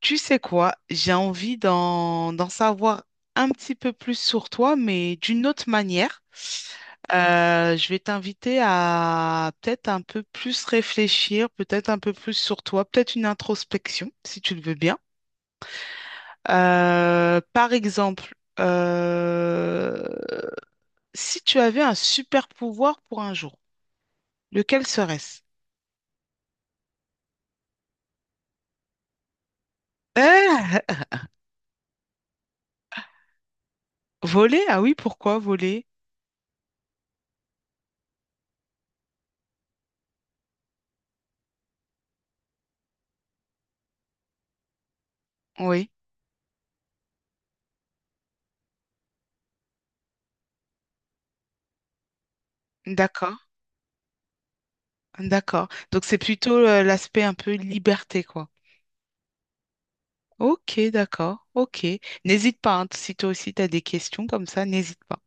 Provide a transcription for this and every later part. Tu sais quoi, j'ai envie d'en savoir un petit peu plus sur toi, mais d'une autre manière. Je vais t'inviter à peut-être un peu plus réfléchir, peut-être un peu plus sur toi, peut-être une introspection, si tu le veux bien. Par exemple, euh, si tu avais un super pouvoir pour un jour, lequel serait-ce? Euh, voler? Ah oui, pourquoi voler? Oui, d'accord. D'accord. Donc c'est plutôt l'aspect un peu liberté, quoi. Ok, d'accord. Ok. N'hésite pas, hein, si toi aussi tu as des questions comme ça, n'hésite pas.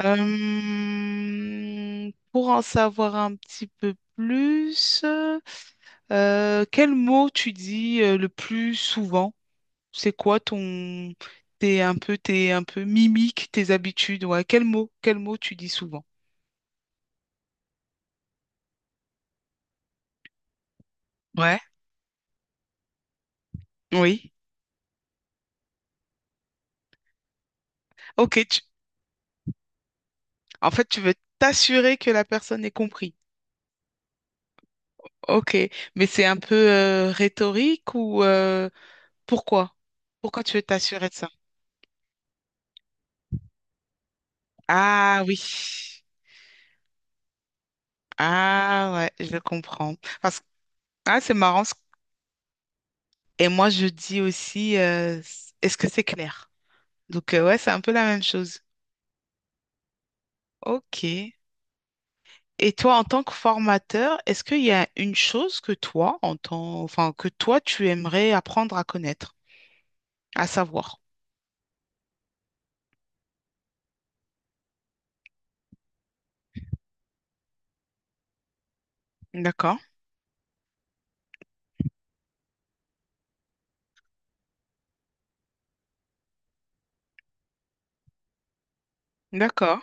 Pour en savoir un petit peu plus, quel mot tu dis le plus souvent? C'est quoi ton t'es un peu mimique, tes habitudes, ouais. Quel mot tu dis souvent? Ouais. Oui. Ok, en fait, tu veux t'assurer que la personne ait compris. Ok, mais c'est un peu rhétorique ou pourquoi? Pourquoi tu veux t'assurer de ça? Ah oui. Ah ouais, je comprends. Parce que ah, c'est marrant. Et moi, je dis aussi, est-ce que c'est clair? Donc ouais, c'est un peu la même chose. Ok. Et toi, en tant que formateur, est-ce qu'il y a une chose que toi, en tant, enfin, que toi, tu aimerais apprendre à connaître, à savoir? D'accord, d'accord,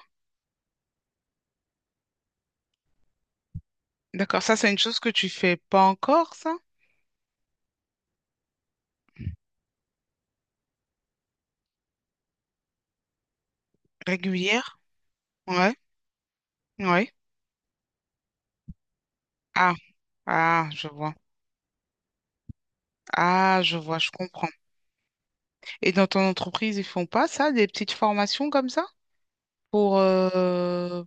d'accord. Ça, c'est une chose que tu fais pas encore, ça? Régulière? Ouais, ouais. Ah, ah, je vois. Ah, je vois, je comprends. Et dans ton entreprise, ils font pas ça, des petites formations comme ça? Pour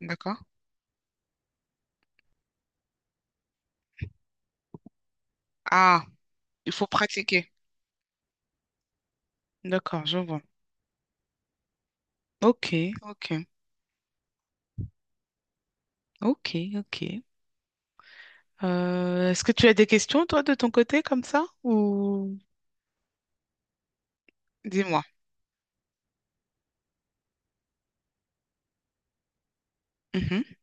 D'accord. Ah, il faut pratiquer. D'accord, je vois. Ok, ok, ok, ok. Est-ce que tu as des questions, toi, de ton côté, comme ça? Ou dis-moi. Mhm.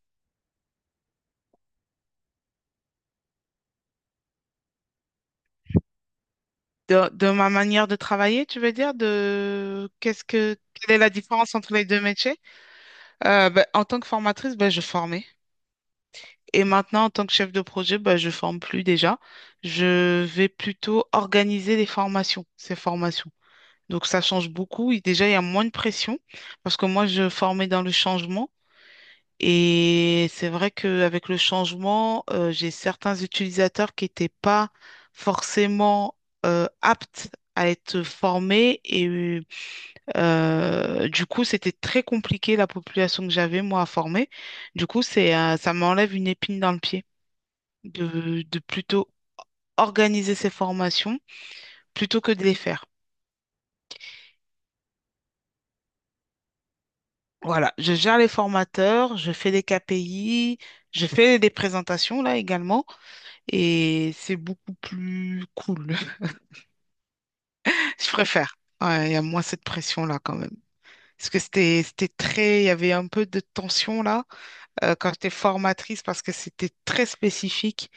De ma manière de travailler, tu veux dire, de qu'est-ce que quelle est la différence entre les deux métiers? Ben, en tant que formatrice, ben, je formais. Et maintenant, en tant que chef de projet, bah, je forme plus déjà. Je vais plutôt organiser les formations, ces formations. Donc, ça change beaucoup. Et déjà, il y a moins de pression parce que moi, je formais dans le changement. Et c'est vrai qu'avec le changement, j'ai certains utilisateurs qui n'étaient pas forcément aptes à être formés. Et du coup, c'était très compliqué la population que j'avais, moi, à former. Du coup, ça m'enlève une épine dans le pied de plutôt organiser ces formations plutôt que de les faire. Voilà, je gère les formateurs, je fais des KPI, je fais des présentations là également, et c'est beaucoup plus cool. Je préfère. Ouais, il y a moins cette pression-là quand même. Parce que c'était très, il y avait un peu de tension là quand j'étais formatrice parce que c'était très spécifique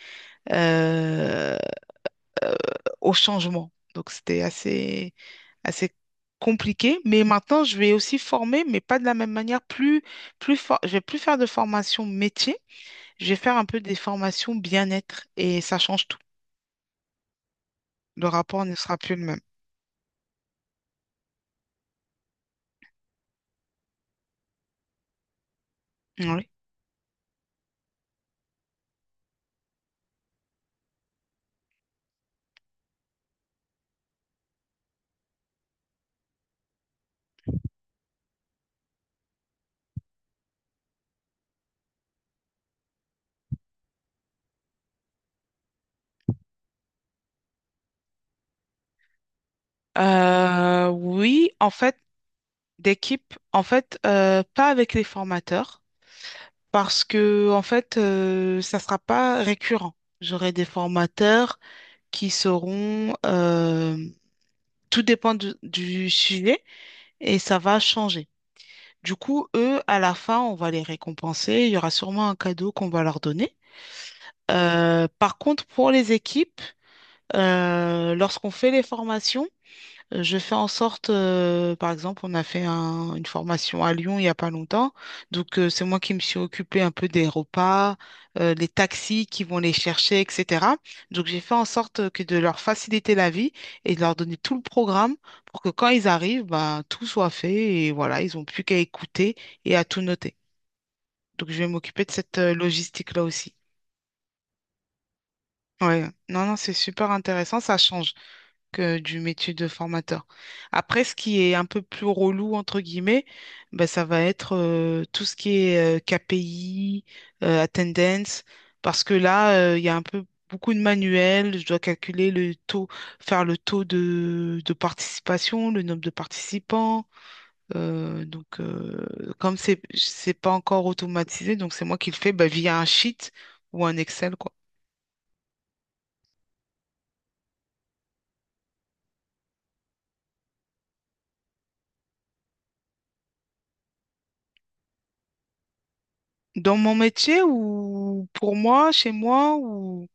euh, au changement. Donc c'était assez compliqué. Mais maintenant, je vais aussi former, mais pas de la même manière. Je vais plus faire de formation métier. Je vais faire un peu des formations bien-être et ça change tout. Le rapport ne sera plus le même. Oui. Oui, en fait, d'équipe, en fait, pas avec les formateurs, parce que en fait, ça sera pas récurrent. J'aurai des formateurs qui seront, tout dépend du sujet et ça va changer. Du coup, eux, à la fin, on va les récompenser. Il y aura sûrement un cadeau qu'on va leur donner. Par contre, pour les équipes, lorsqu'on fait les formations, je fais en sorte, par exemple, on a fait une formation à Lyon il n'y a pas longtemps. Donc, c'est moi qui me suis occupée un peu des repas, les taxis qui vont les chercher, etc. Donc, j'ai fait en sorte que de leur faciliter la vie et de leur donner tout le programme pour que quand ils arrivent, ben, tout soit fait et voilà, ils n'ont plus qu'à écouter et à tout noter. Donc, je vais m'occuper de cette logistique-là aussi. Ouais. Non, non, c'est super intéressant. Ça change que du métier de formateur. Après, ce qui est un peu plus relou, entre guillemets, ben, ça va être tout ce qui est KPI, attendance, parce que là, il y a un peu beaucoup de manuels. Je dois calculer le taux, faire le taux de participation, le nombre de participants, euh, donc, euh, comme c'est pas encore automatisé, donc c'est moi qui le fais bah, via un sheet ou un Excel, quoi. Dans mon métier ou pour moi, chez moi ou...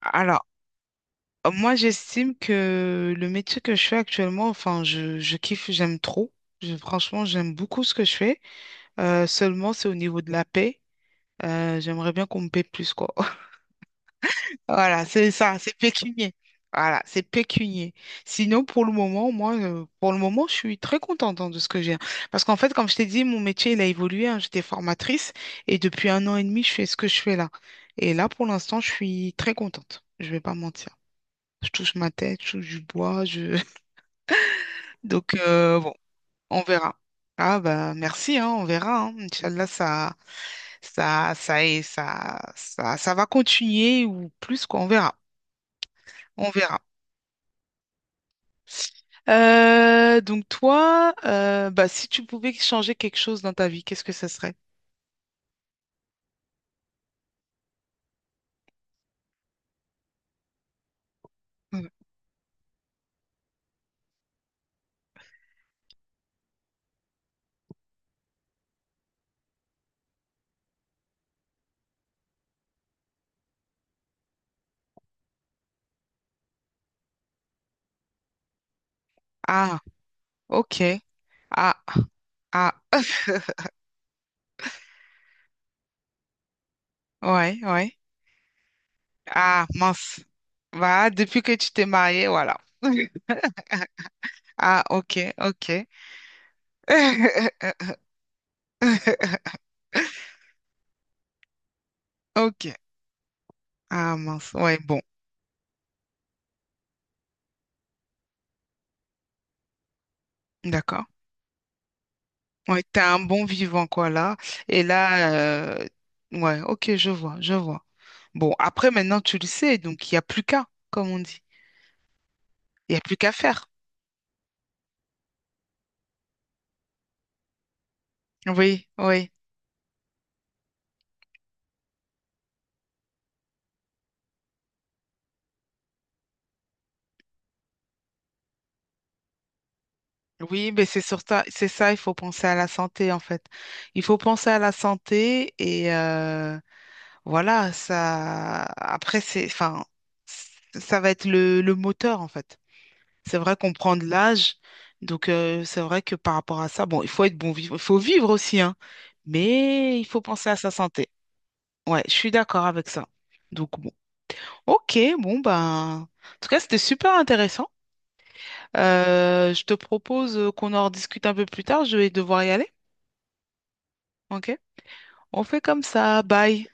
Alors, moi, j'estime que le métier que je fais actuellement, enfin, je kiffe, j'aime trop. Franchement, j'aime beaucoup ce que je fais. Seulement, c'est au niveau de la paie. J'aimerais bien qu'on me paie plus, quoi. Voilà, c'est ça, c'est pécunier. Voilà, c'est pécunier. Sinon, pour le moment, pour le moment, je suis très contente hein, de ce que j'ai. Parce qu'en fait, comme je t'ai dit, mon métier, il a évolué. Hein. J'étais formatrice et depuis un an et demi, je fais ce que je fais là. Et là, pour l'instant, je suis très contente. Je vais pas mentir. Je touche ma tête, je touche du bois. Je... Donc, bon, on verra. Ah bah merci, hein, on verra. Hein. Inch'Allah, ça, est- ça va continuer ou plus, quoi, on verra. On verra. Donc toi, bah, si tu pouvais changer quelque chose dans ta vie, qu'est-ce que ce serait? Mm. Ah, ok. Ah, ah, ouais, ouais. Ah, mince. Bah, depuis que tu t'es mariée, voilà. Ah, ok, ok. Ok. Ah, mince. Ouais, bon, d'accord. Ouais, t'as un bon vivant, quoi, là. Et là, euh, ouais, ok, je vois, je vois. Bon, après, maintenant, tu le sais, donc il n'y a plus qu'à, comme on dit. Il n'y a plus qu'à faire. Oui, oui, oui, mais c'est sur ça, c'est ça, il faut penser à la santé en fait. Il faut penser à la santé et voilà, ça. Après, c'est, enfin, c- ça va être le moteur en fait. C'est vrai qu'on prend de l'âge, donc c'est vrai que par rapport à ça, bon, il faut être bon vivre, il faut vivre aussi, hein, mais il faut penser à sa santé. Ouais, je suis d'accord avec ça. Donc bon, ok, bon ben, en tout cas, c'était super intéressant. Je te propose qu'on en rediscute un peu plus tard. Je vais devoir y aller. OK? On fait comme ça. Bye.